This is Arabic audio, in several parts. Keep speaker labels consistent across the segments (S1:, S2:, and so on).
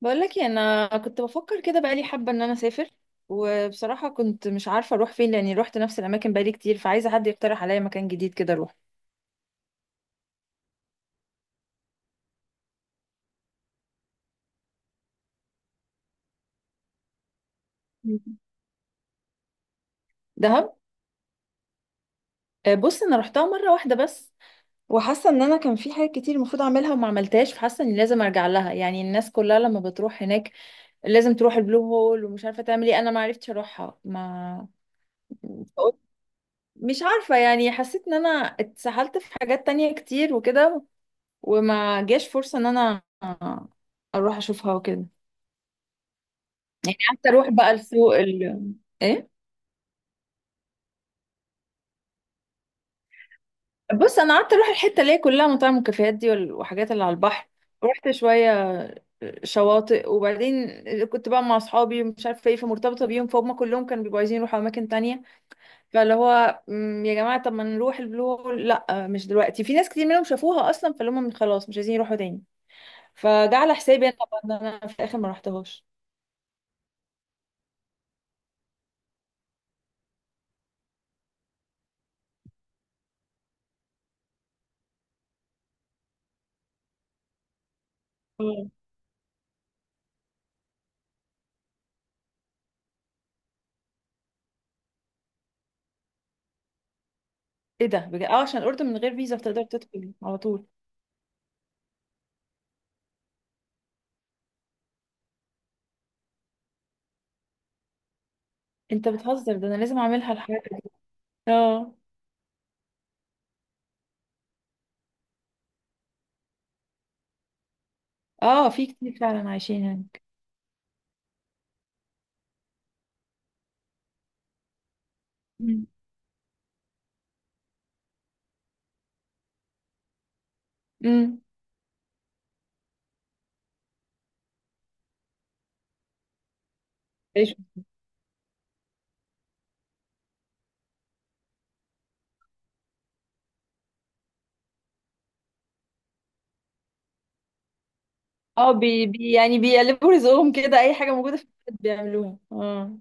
S1: بقولك إيه، انا كنت بفكر كده بقالي حابه ان انا اسافر. وبصراحه كنت مش عارفه اروح فين لاني روحت نفس الاماكن بقالي كتير، فعايزه حد يقترح عليا مكان جديد كده اروح. مم. دهب. آه، بص انا روحتها مره واحده بس. وحاسه ان انا كان في حاجات كتير المفروض اعملها وما عملتهاش، فحاسه اني لازم ارجع لها. يعني الناس كلها لما بتروح هناك لازم تروح البلو هول، ومش عارفه تعمل ايه، انا ما عرفتش اروحها ما. فقلت- مش عارفه، يعني حسيت ان انا اتسحلت في حاجات تانية كتير وكده، وما جاش فرصة ان انا اروح اشوفها وكده. يعني قعدت اروح بقى السوق ايه. بص انا قعدت اروح الحتة اللي هي كلها مطاعم وكافيهات دي وحاجات اللي على البحر. رحت شوية شواطئ، وبعدين كنت بقى مع اصحابي ومش عارفه ايه، فمرتبطه بيهم، فهم كلهم كانوا بيبقوا عايزين يروحوا اماكن تانية. فاللي هو يا جماعه طب ما نروح البلو هول. لا مش دلوقتي، في ناس كتير منهم شافوها اصلا فاللي هم خلاص مش عايزين يروحوا تاني. فجعل حسابي انا طبعا إن انا في الاخر ما رحتهاش. ايه ده بجد. اه عشان الاردن من غير فيزا بتقدر تدخل على طول. انت بتهزر؟ ده انا لازم اعملها الحركه دي. اه. اه في كتير فعلا عايشين هناك. امم. أمم. عيشوا. اه، بي يعني بيقلبوا رزقهم كده، اي حاجه موجوده في البلد بيعملوها. اه.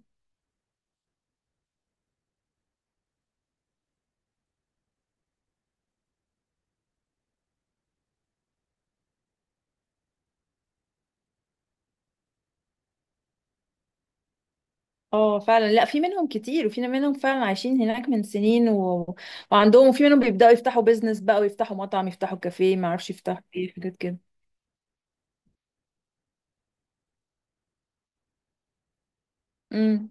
S1: اه فعلا، لا في منهم كتير، وفي منهم فعلا عايشين هناك من سنين وعندهم. وفي منهم بيبداوا يفتحوا بيزنس بقى، ويفتحوا مطعم، يفتحوا كافيه، ما اعرفش يفتحوا ايه حاجات كده.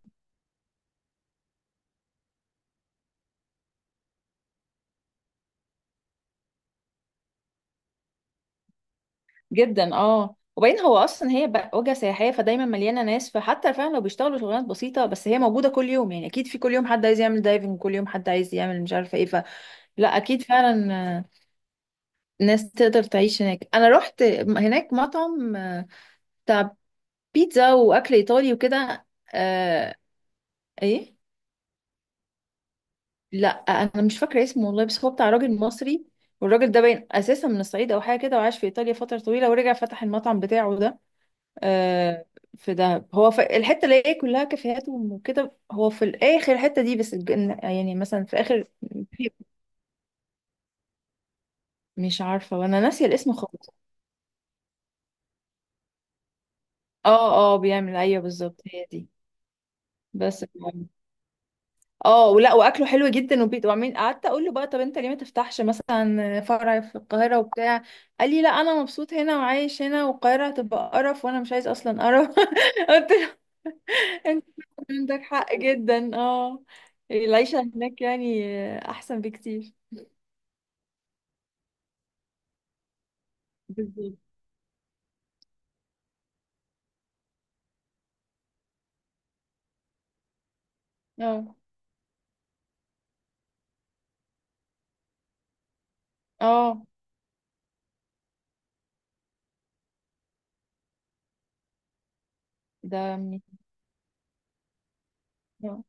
S1: جدا. اه وبعدين هو اصلا هي بقى وجهه سياحيه، فدايما مليانه ناس، فحتى فعلا لو بيشتغلوا شغلانات بسيطه بس هي موجوده كل يوم، يعني اكيد في كل يوم حد عايز يعمل دايفنج، كل يوم حد عايز يعمل مش عارفه ايه، فلا اكيد فعلا. آه، ناس تقدر تعيش هناك. انا رحت هناك مطعم بتاع بيتزا واكل ايطالي وكده. آه. ايه. لا انا مش فاكره اسمه والله، بس هو بتاع راجل مصري. والراجل ده باين اساسا من الصعيد او حاجه كده، وعاش في ايطاليا فتره طويله ورجع فتح المطعم بتاعه ده. آه، في دهب، هو في الحته اللي هي كلها كافيهات وكده، هو في الاخر الحته دي، بس يعني مثلا في اخر. مش عارفه وانا ناسيه الاسم خالص. اه اه بيعمل. ايوه بالظبط هي دي. بس. اه ولا واكله حلو جدا. وبيت وعمين قعدت اقول له بقى طب انت ليه ما تفتحش مثلا فرع في القاهره وبتاع. قال لي لا انا مبسوط هنا وعايش هنا، والقاهره هتبقى قرف وانا مش عايز اصلا قرف. قلت انت عندك حق جدا. اه. العيشة هناك يعني احسن بكتير. بالظبط. اه اه. ده من- آه.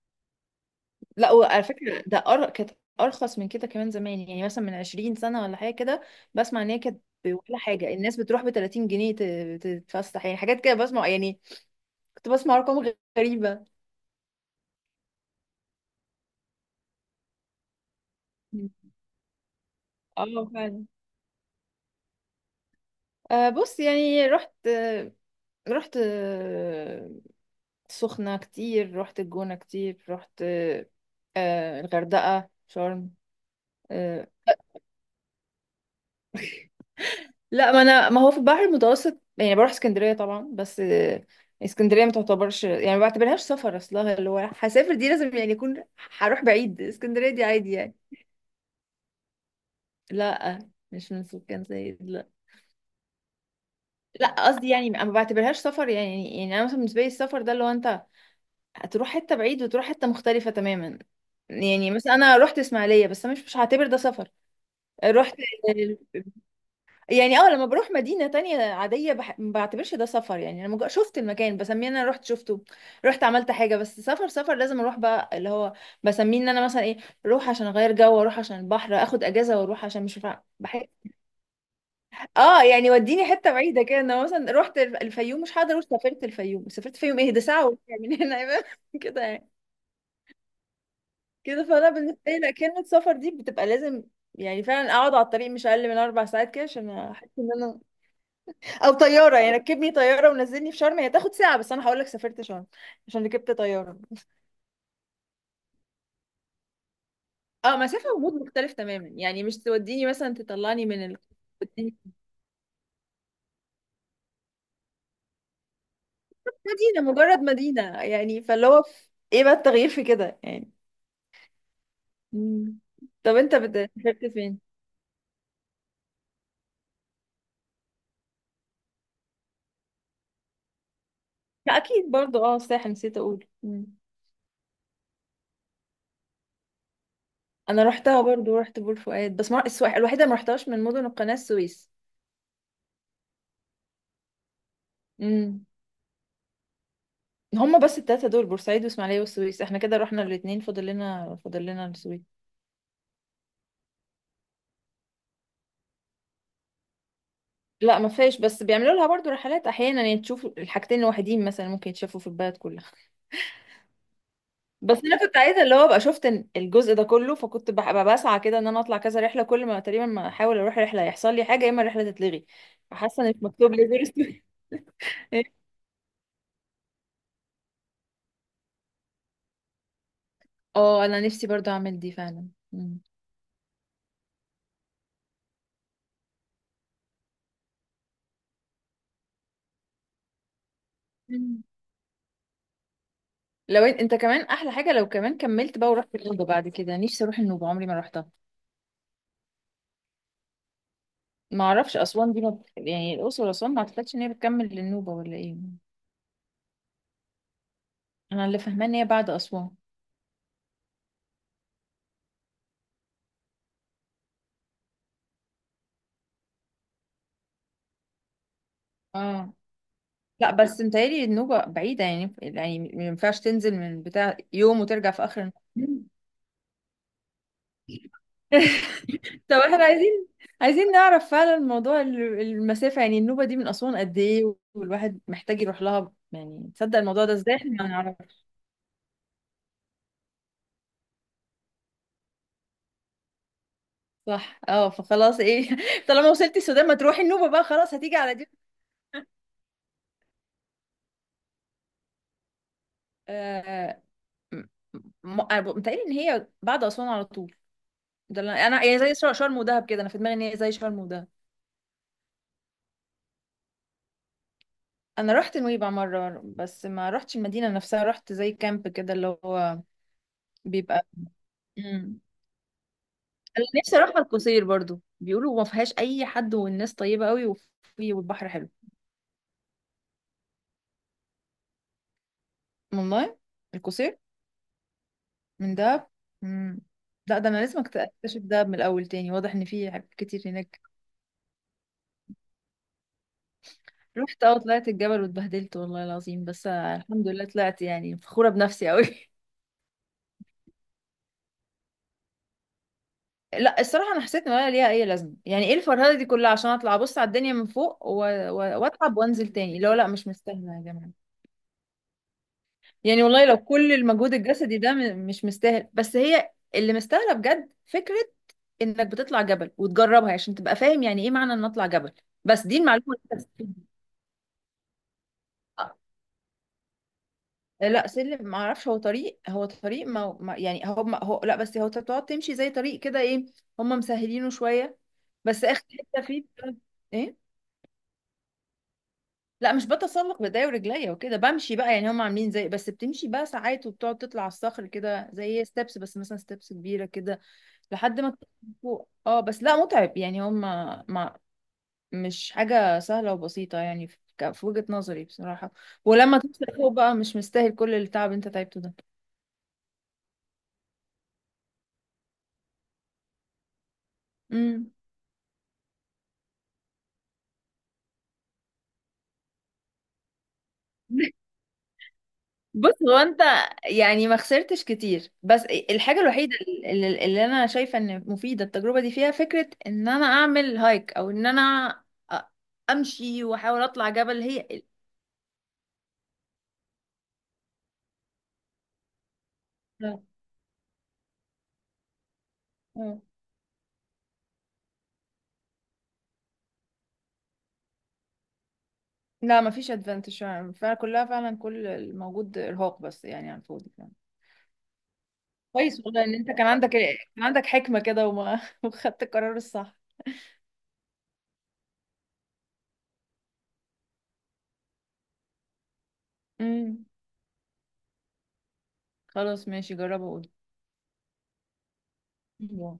S1: لا وعلى فكرة ده كانت أرخص من كده كمان زمان، يعني مثلا من 20 سنة ولا حاجة كده. بسمع إن هي كانت ولا حاجة، الناس بتروح ب 30 جنيه تتفسح، يعني حاجات كده بسمع يعني. كنت بسمع أرقام غريبة. اه فعلا. آه، بص يعني رحت سخنة كتير، رحت الجونة كتير، رحت الغردقة، شرم. آه، لا، ما انا ما هو في البحر المتوسط، يعني بروح اسكندرية طبعا، بس اسكندرية ما تعتبرش، يعني ما بعتبرهاش سفر. اصلها اللي هو هسافر دي لازم يعني يكون هروح بعيد. اسكندرية دي عادي يعني. لا، مش من سكان زايد، لا. لا قصدي يعني ما بعتبرهاش سفر يعني انا مثلا بالنسبة لي السفر ده اللي هو انت هتروح حتة بعيد وتروح حتة مختلفة تماما. يعني مثلا انا رحت اسماعيلية بس انا مش هعتبر ده سفر. رحت يعني، لما بروح مدينة تانية عادية ما بعتبرش ده سفر، يعني انا مجرد شفت المكان بسميه ان انا رحت شفته، رحت عملت حاجة. بس سفر سفر لازم اروح بقى اللي هو بسميه ان انا مثلا ايه، اروح عشان اغير جو، اروح عشان البحر، اخد اجازة، واروح عشان مش اه يعني وديني حتة بعيدة كده. انا مثلا رحت الفيوم. مش هقدر اروح. سافرت الفيوم، سافرت الفيوم، ايه ده، ساعة وراجع من هنا يبقى كده يعني. كده فانا بالنسبة لي لا، كلمة سفر دي بتبقى لازم يعني فعلا اقعد على الطريق مش اقل من اربع ساعات كده عشان احس ان انا. او طياره، يعني ركبني طياره ونزلني في شرم، هي تاخد ساعه بس انا هقول لك سافرت شرم عشان ركبت طياره. اه، مسافه ومود مختلف تماما يعني. مش توديني مثلا تطلعني من توديني- مدينه، مجرد مدينه يعني، فاللي هو ايه بقى التغيير في كده يعني. مم. طب انت سافرت فين. لا اكيد برضو، الساحل نسيت اقول. مم. انا رحتها برضو، رحت بور فؤاد بس ما... الوحيده ما رحتهاش من مدن القناه السويس. مم. هما بس التلاتة دول بورسعيد واسماعيلية والسويس، احنا كده رحنا الاتنين، فاضل لنا السويس. لا ما فيهاش، بس بيعملوا لها برضو رحلات احيانا، يعني تشوف الحاجتين لوحدين مثلا ممكن يتشافوا في البلد كلها. بس انا كنت عايزه اللي هو ابقى شفت إن الجزء ده كله، فكنت ببقى بسعى كده ان انا اطلع كذا رحله، كل ما تقريبا ما احاول اروح رحله يحصل لي حاجه، يا اما الرحله تتلغي. فحاسه ان مكتوب لي زيرو ستوري. اه انا نفسي برضو اعمل دي فعلا. مم. مم. لو انت كمان احلى حاجه، لو كمان كملت بقى ورحت النوبه بعد كده. نفسي اروح النوبه عمري ما رحتها. ما اعرفش اسوان دي ما... يعني الاقصر واسوان ما اعتقدش ان هي بتكمل للنوبه ولا ايه. انا اللي فاهمه ان هي بعد اسوان. اه، لا بس متهيألي النوبة بعيدة يعني، يعني ما ينفعش تنزل من بتاع يوم وترجع في آخر النهار. طب احنا عايزين نعرف فعلا موضوع المسافة، يعني النوبة دي من أسوان قد ايه، والواحد محتاج يروح لها يعني. تصدق الموضوع ده ازاي، احنا ما نعرفش. صح، اه. فخلاص ايه، طالما وصلتي السودان، ما تروحي النوبة بقى، خلاص هتيجي على دي. م- أنا متهيألي ان هي بعد أسوان على طول. ده اللي انا يعني زي شرم ودهب كده، انا في دماغي ان هي زي شرم ودهب. انا رحت نويبع مره بس ما رحتش المدينه نفسها، رحت زي كامب كده، اللي هو بيبقى امم انا نفسي اروح القصير برضو، بيقولوا ما فيهاش اي حد والناس طيبه قوي، وفي والبحر حلو. والله القصير من دهب. امم. لا ده انا لازم اكتشف دهب من الاول تاني، واضح ان في حاجات كتير هناك. رحت، طلعت الجبل واتبهدلت والله العظيم، بس الحمد لله طلعت يعني فخوره بنفسي قوي. لا الصراحة أنا حسيت إن ولا ليها أي لازمة، يعني إيه الفرهدة دي كلها عشان أطلع أبص على الدنيا من فوق وأتعب وأنزل تاني اللي هو، لا مش مستاهلة يا جماعة. يعني والله لو كل المجهود الجسدي ده مش مستاهل، بس هي اللي مستاهلة بجد فكرة إنك بتطلع جبل وتجربها عشان تبقى فاهم يعني إيه معنى إن أطلع جبل. بس دي المعلومة اللي أنت بتستفيد بيها. آه، لا سلم ما اعرفش، هو طريق، هو طريق يعني هو ما هو لا، بس هو انت بتقعد تمشي زي طريق كده. ايه، هم مسهلينه شويه. بس اخر حته فيه ايه. لا مش بتسلق بايديا ورجليا وكده، بمشي بقى يعني، هم عاملين زي، بس بتمشي بقى ساعات وبتقعد تطلع على الصخر كده زي ستيبس، بس مثلا ستيبس كبيره كده لحد ما توصل فوق. اه بس لا متعب يعني، هم ما مش حاجه سهله وبسيطه يعني في في وجهه نظري بصراحه. ولما توصل فوق بقى مش مستاهل كل التعب اللي انت تعبته ده. امم. بص، هو انت يعني ما خسرتش كتير، بس الحاجة الوحيدة اللي انا شايفة ان مفيدة التجربة دي فيها فكرة ان انا اعمل هايك، او ان انا أ- امشي واحاول اطلع جبل هي. لا. مم. لا مفيش ادفانتج فعلا فعلا، كلها فعلا كل الموجود ارهاق بس يعني على الفاضي فعلا. كويس والله ان انت كان عندك حكمة كده وما وخدت القرار الصح. امم. خلاص ماشي جربه. وقول